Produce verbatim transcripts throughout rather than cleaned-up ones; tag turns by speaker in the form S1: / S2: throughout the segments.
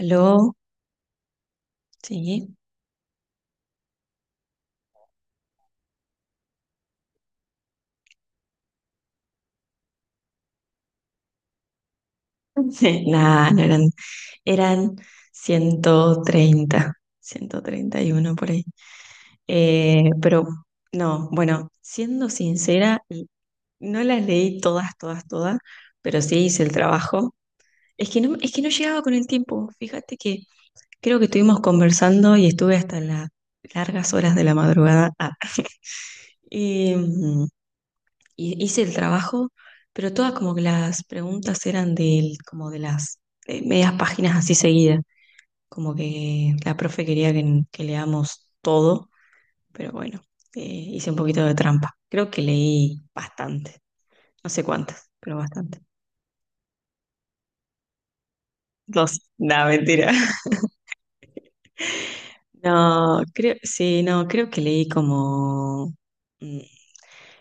S1: Aló, sí. Nah, no eran, eran ciento ciento treinta, ciento treinta y uno por ahí. Eh, pero no, bueno, siendo sincera, no las leí todas, todas, todas, pero sí hice el trabajo. Es que no, es que no llegaba con el tiempo. Fíjate que creo que estuvimos conversando y estuve hasta las largas horas de la madrugada. Ah, y, mm, y hice el trabajo, pero todas como que las preguntas eran del, como de las eh, medias páginas así seguidas, como que la profe quería que, que leamos todo, pero bueno, eh, hice un poquito de trampa. Creo que leí bastante, no sé cuántas, pero bastante. Dos, no, mentira. No, creo, sí, no, creo que leí como... mm,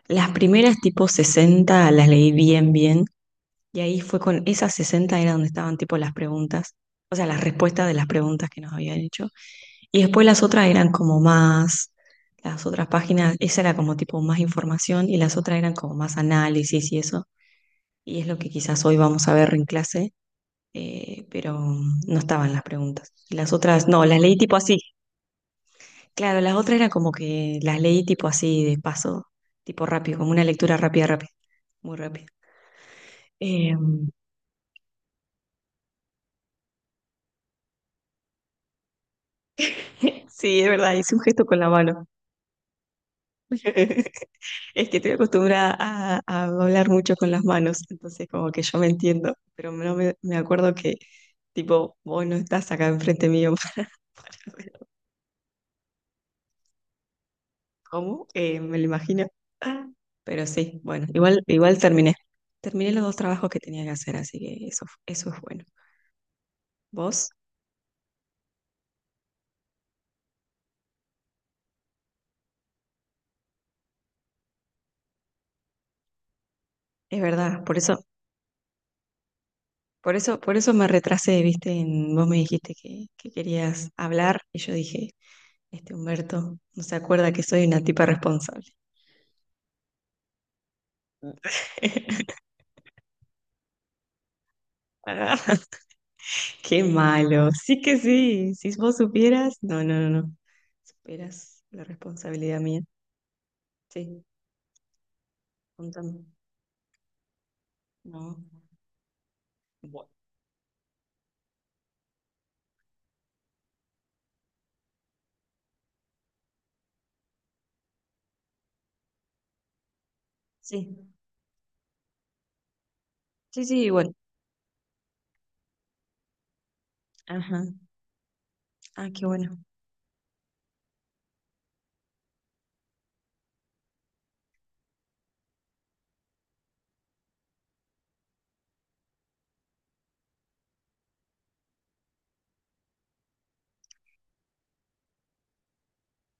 S1: Las primeras tipo sesenta las leí bien, bien, y ahí fue con esas sesenta era donde estaban tipo las preguntas, o sea, las respuestas de las preguntas que nos habían hecho. Y después las otras eran como más, las otras páginas, esa era como tipo más información y las otras eran como más análisis y eso. Y es lo que quizás hoy vamos a ver en clase, eh, pero no estaban las preguntas. Y las otras, no, las leí tipo así. Claro, las otras eran como que las leí tipo así de paso, tipo rápido, como una lectura rápida, rápida, muy rápida. Eh, sí, es verdad, hice un gesto con la mano. Es que estoy acostumbrada a, a hablar mucho con las manos, entonces como que yo me entiendo, pero no me, me acuerdo que tipo, vos no estás acá enfrente mío para ver cómo, eh, me lo imagino. Pero sí, bueno, igual, igual terminé. Terminé los dos trabajos que tenía que hacer, así que eso, eso es bueno. Vos, es verdad, por eso, por eso, por eso me retrasé, viste, en, vos me dijiste que, que querías hablar y yo dije, este Humberto no se acuerda que soy una tipa responsable. Ah, qué malo. Sí que sí. Si vos supieras. No, no, no, no. Superas la responsabilidad mía. Sí, contame. No. Bueno. Sí, sí, sí, bueno. Ajá. Ah, qué bueno.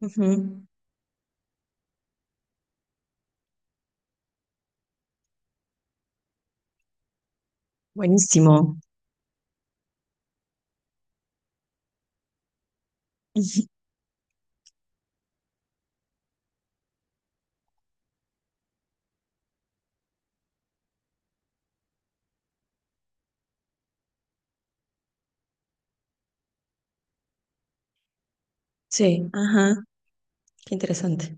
S1: Ujú. Buenísimo. Sí, ajá. Qué interesante.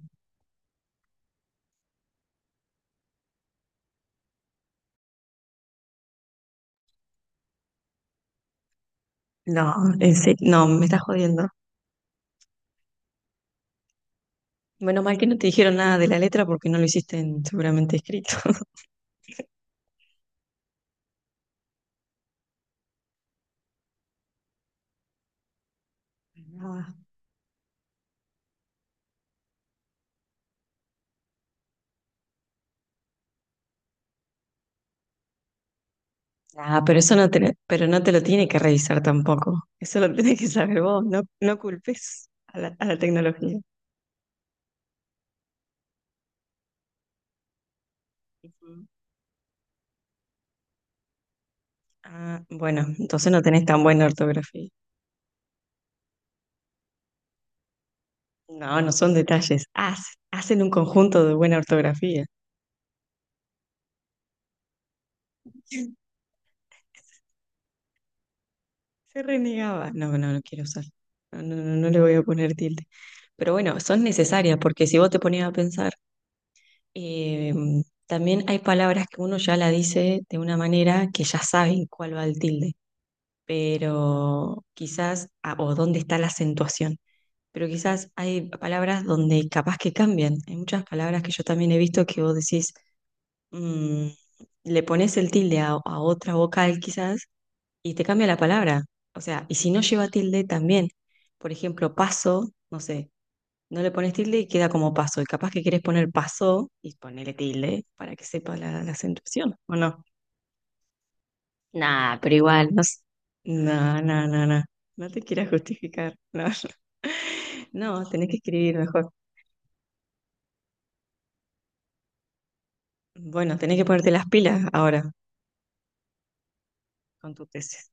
S1: No, en serio, no, me estás jodiendo. Bueno, mal que no te dijeron nada de la letra porque no lo hiciste en- seguramente escrito. Ah, pero eso no te, lo- pero no te lo tiene que revisar tampoco. Eso lo tienes que saber vos. No, no culpes a la, a la tecnología. Ujú. Ah, bueno, entonces no tenés tan buena ortografía. No, no son detalles. Haz- hacen un conjunto de buena ortografía. Se renegaba. No, no, no quiero usar. No, no, no, no le voy a poner tilde. Pero bueno, son necesarias porque si vos te ponías a pensar, eh, también hay palabras que uno ya la dice de una manera que ya saben cuál va el tilde, pero quizás, ah, o dónde está la acentuación, pero quizás hay palabras donde capaz que cambian. Hay muchas palabras que yo también he visto que vos decís, mm, le pones el tilde a, a otra vocal quizás y te cambia la palabra. O sea, y si no lleva tilde también, por ejemplo, paso, no sé, no le pones tilde y queda como paso. Y capaz que quieres poner paso y ponerle tilde para que sepa la, la acentuación, ¿o no? Nah, pero igual, no, s- no, no, no, no, no te quieras justificar, no, no, tenés que escribir mejor. Bueno, tenés que ponerte las pilas ahora con tu tesis.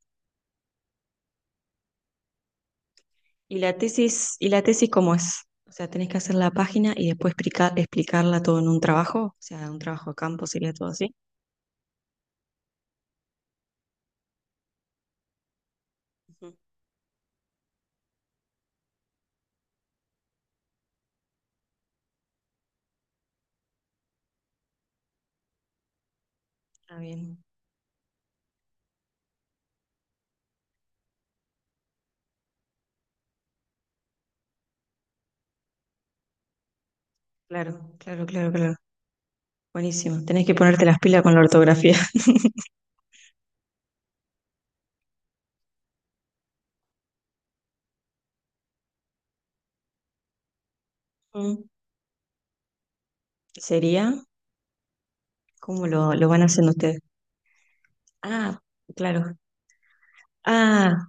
S1: ¿Y la tesis, y la tesis cómo es? O sea, tenés que hacer la página y después explica- explicarla todo en un trabajo, o sea, un trabajo de campo sería todo así. Ujú. Ah, bien, claro, claro, claro, claro. Buenísimo, tenés que ponerte las pilas con la ortografía. Mm. ¿Sería? ¿Cómo lo, lo van haciendo ustedes? Ah, claro. Ah,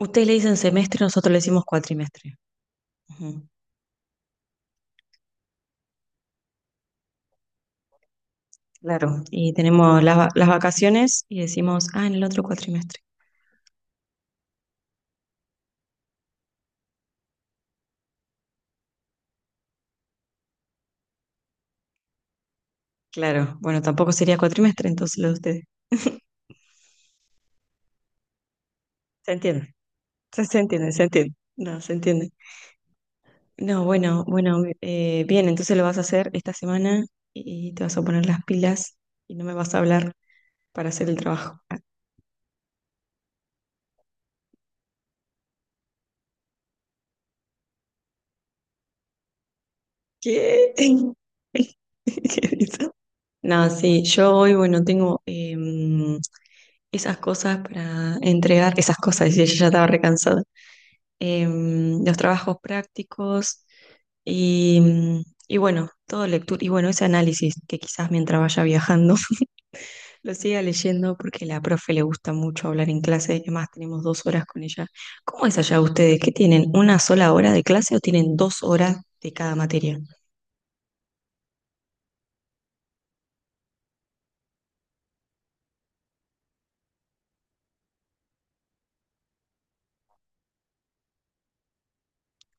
S1: ustedes le dicen semestre, nosotros le decimos cuatrimestre. Ujú, claro, y tenemos las, va- las vacaciones y decimos, ah, en el otro cuatrimestre. Claro, bueno, tampoco sería cuatrimestre entonces lo de ustedes. Se entiende, se, se entiende, se entiende. No, se entiende. No, bueno, bueno, eh, bien, entonces lo vas a hacer esta semana y te vas a poner las pilas y no me vas a hablar para hacer el trabajo. Ah, ¿qué? ¿Qué hizo? No, sí, yo hoy, bueno, tengo, eh, esas cosas para entregar, esas cosas, y ella ya estaba recansada, em, los trabajos prácticos y, mm, y bueno, todo lectura, y bueno, ese análisis que quizás mientras vaya viajando lo siga leyendo porque la profe le gusta mucho hablar en clase, además tenemos dos horas con ella. ¿Cómo es allá ustedes? ¿Qué tienen? ¿Una sola hora de clase o tienen dos horas de cada materia?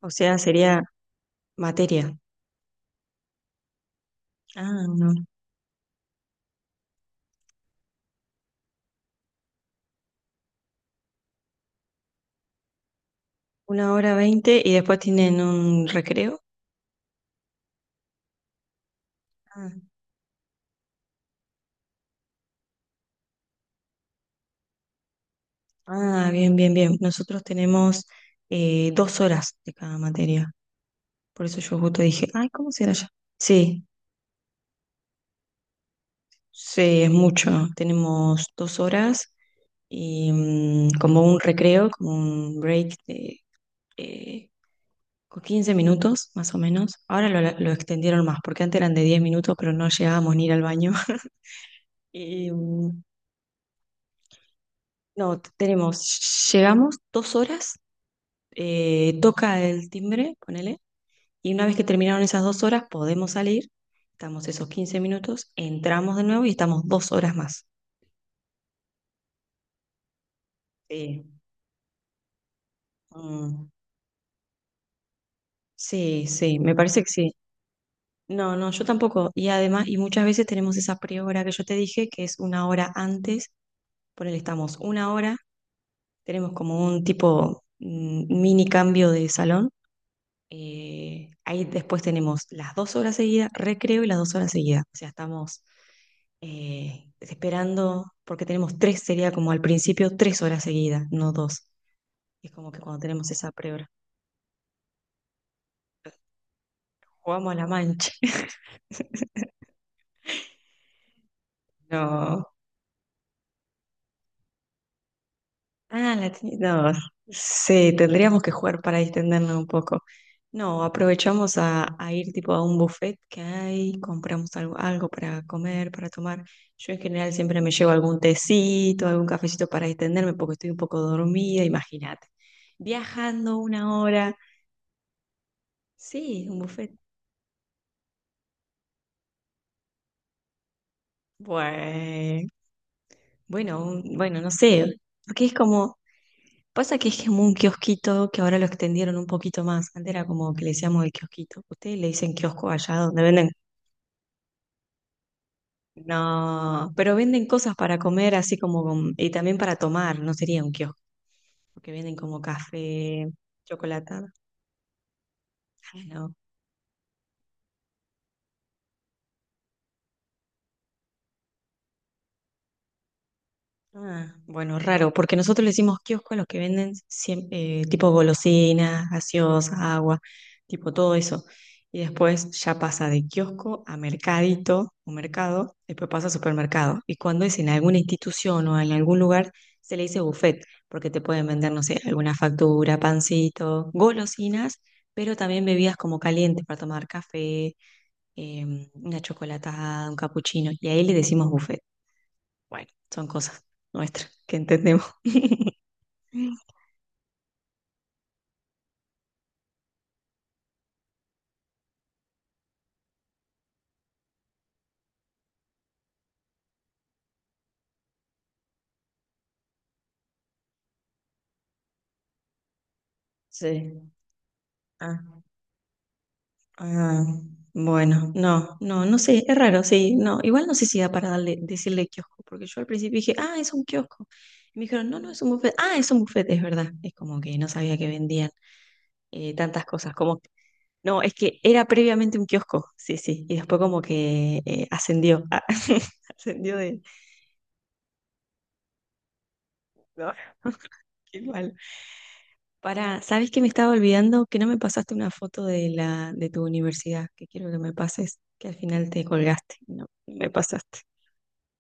S1: O sea, sería materia. Ah, no. Una hora veinte y después tienen un recreo. Ah, Ah, bien, bien, bien. Nosotros tenemos eh, dos horas de cada materia. Por eso yo justo dije, ay, ¿cómo será ya? Sí, sí, es mucho. Tenemos dos horas y mm, como un recreo, como un break de eh, con quince minutos más o menos. Ahora lo, lo extendieron más, porque antes eran de diez minutos, pero no llegábamos ni ir al baño. Y, mm, no, t- tenemos, llegamos dos horas, eh, toca el timbre, ponele. Y una vez que terminaron esas dos horas, podemos salir, estamos esos quince minutos, entramos de nuevo y estamos dos horas más. Sí. Mm, sí, sí, me parece que sí. No, no, yo tampoco. Y además, y muchas veces tenemos esa prehora que yo te dije, que es una hora antes, por él estamos una hora, tenemos como un tipo mm, mini cambio de salón. Eh, ahí después tenemos las dos horas seguidas, recreo y las dos horas seguidas. O sea, estamos eh, esperando, porque tenemos tres, sería como al principio tres horas seguidas, no dos. Es como que cuando tenemos esa prehora. Jugamos a la mancha. No, ah, la tenis. No, sí, tendríamos que jugar para distendernos un poco. No, aprovechamos a, a ir tipo a un buffet que hay, compramos algo, algo para comer, para tomar. Yo en general siempre me llevo algún tecito, algún cafecito para distenderme porque estoy un poco dormida, imagínate. Viajando una hora. Sí, un buffet. Bueno, bueno, un- bueno, no sé, porque es como. Pasa que es como un kiosquito que ahora lo extendieron un poquito más. Antes era como que le decíamos el kiosquito. Ustedes le dicen kiosco allá donde venden. No, pero venden cosas para comer, así como con- y también para tomar, no sería un kiosco, porque venden como café, chocolate. No. Ah, bueno, raro, porque nosotros le decimos kiosco a los que venden siem- eh, tipo golosinas, gaseosas, agua, tipo todo eso. Y después ya pasa de kiosco a mercadito o mercado, después pasa a supermercado. Y cuando es en alguna institución o en algún lugar, se le dice buffet, porque te pueden vender, no sé, alguna factura, pancito, golosinas, pero también bebidas como calientes para tomar café, eh, una chocolatada, un capuchino. Y ahí le decimos buffet. Bueno, son cosas nuestras que entendemos. Sí. Ah, ah, bueno, no, no, no sé, es raro, sí, no, igual no sé si da para darle, decirle kiosco, porque yo al principio dije, ah, es un kiosco. Y me dijeron, no, no es un buffet, ah, es un buffet, es verdad. Es como que no sabía que vendían eh, tantas cosas, como, no, es que era previamente un kiosco, sí, sí, y después como que eh, ascendió, ah, ascendió de, no, igual. Para, ¿sabes que me estaba olvidando? Que no me pasaste una foto de la de tu universidad, que quiero que me pases, que al final te colgaste, no, no me pasaste.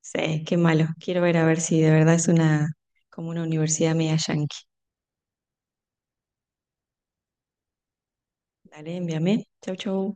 S1: Sí, qué malo. Quiero ver a ver si de verdad es una como una universidad media yankee. Dale, envíame. Chau, chau.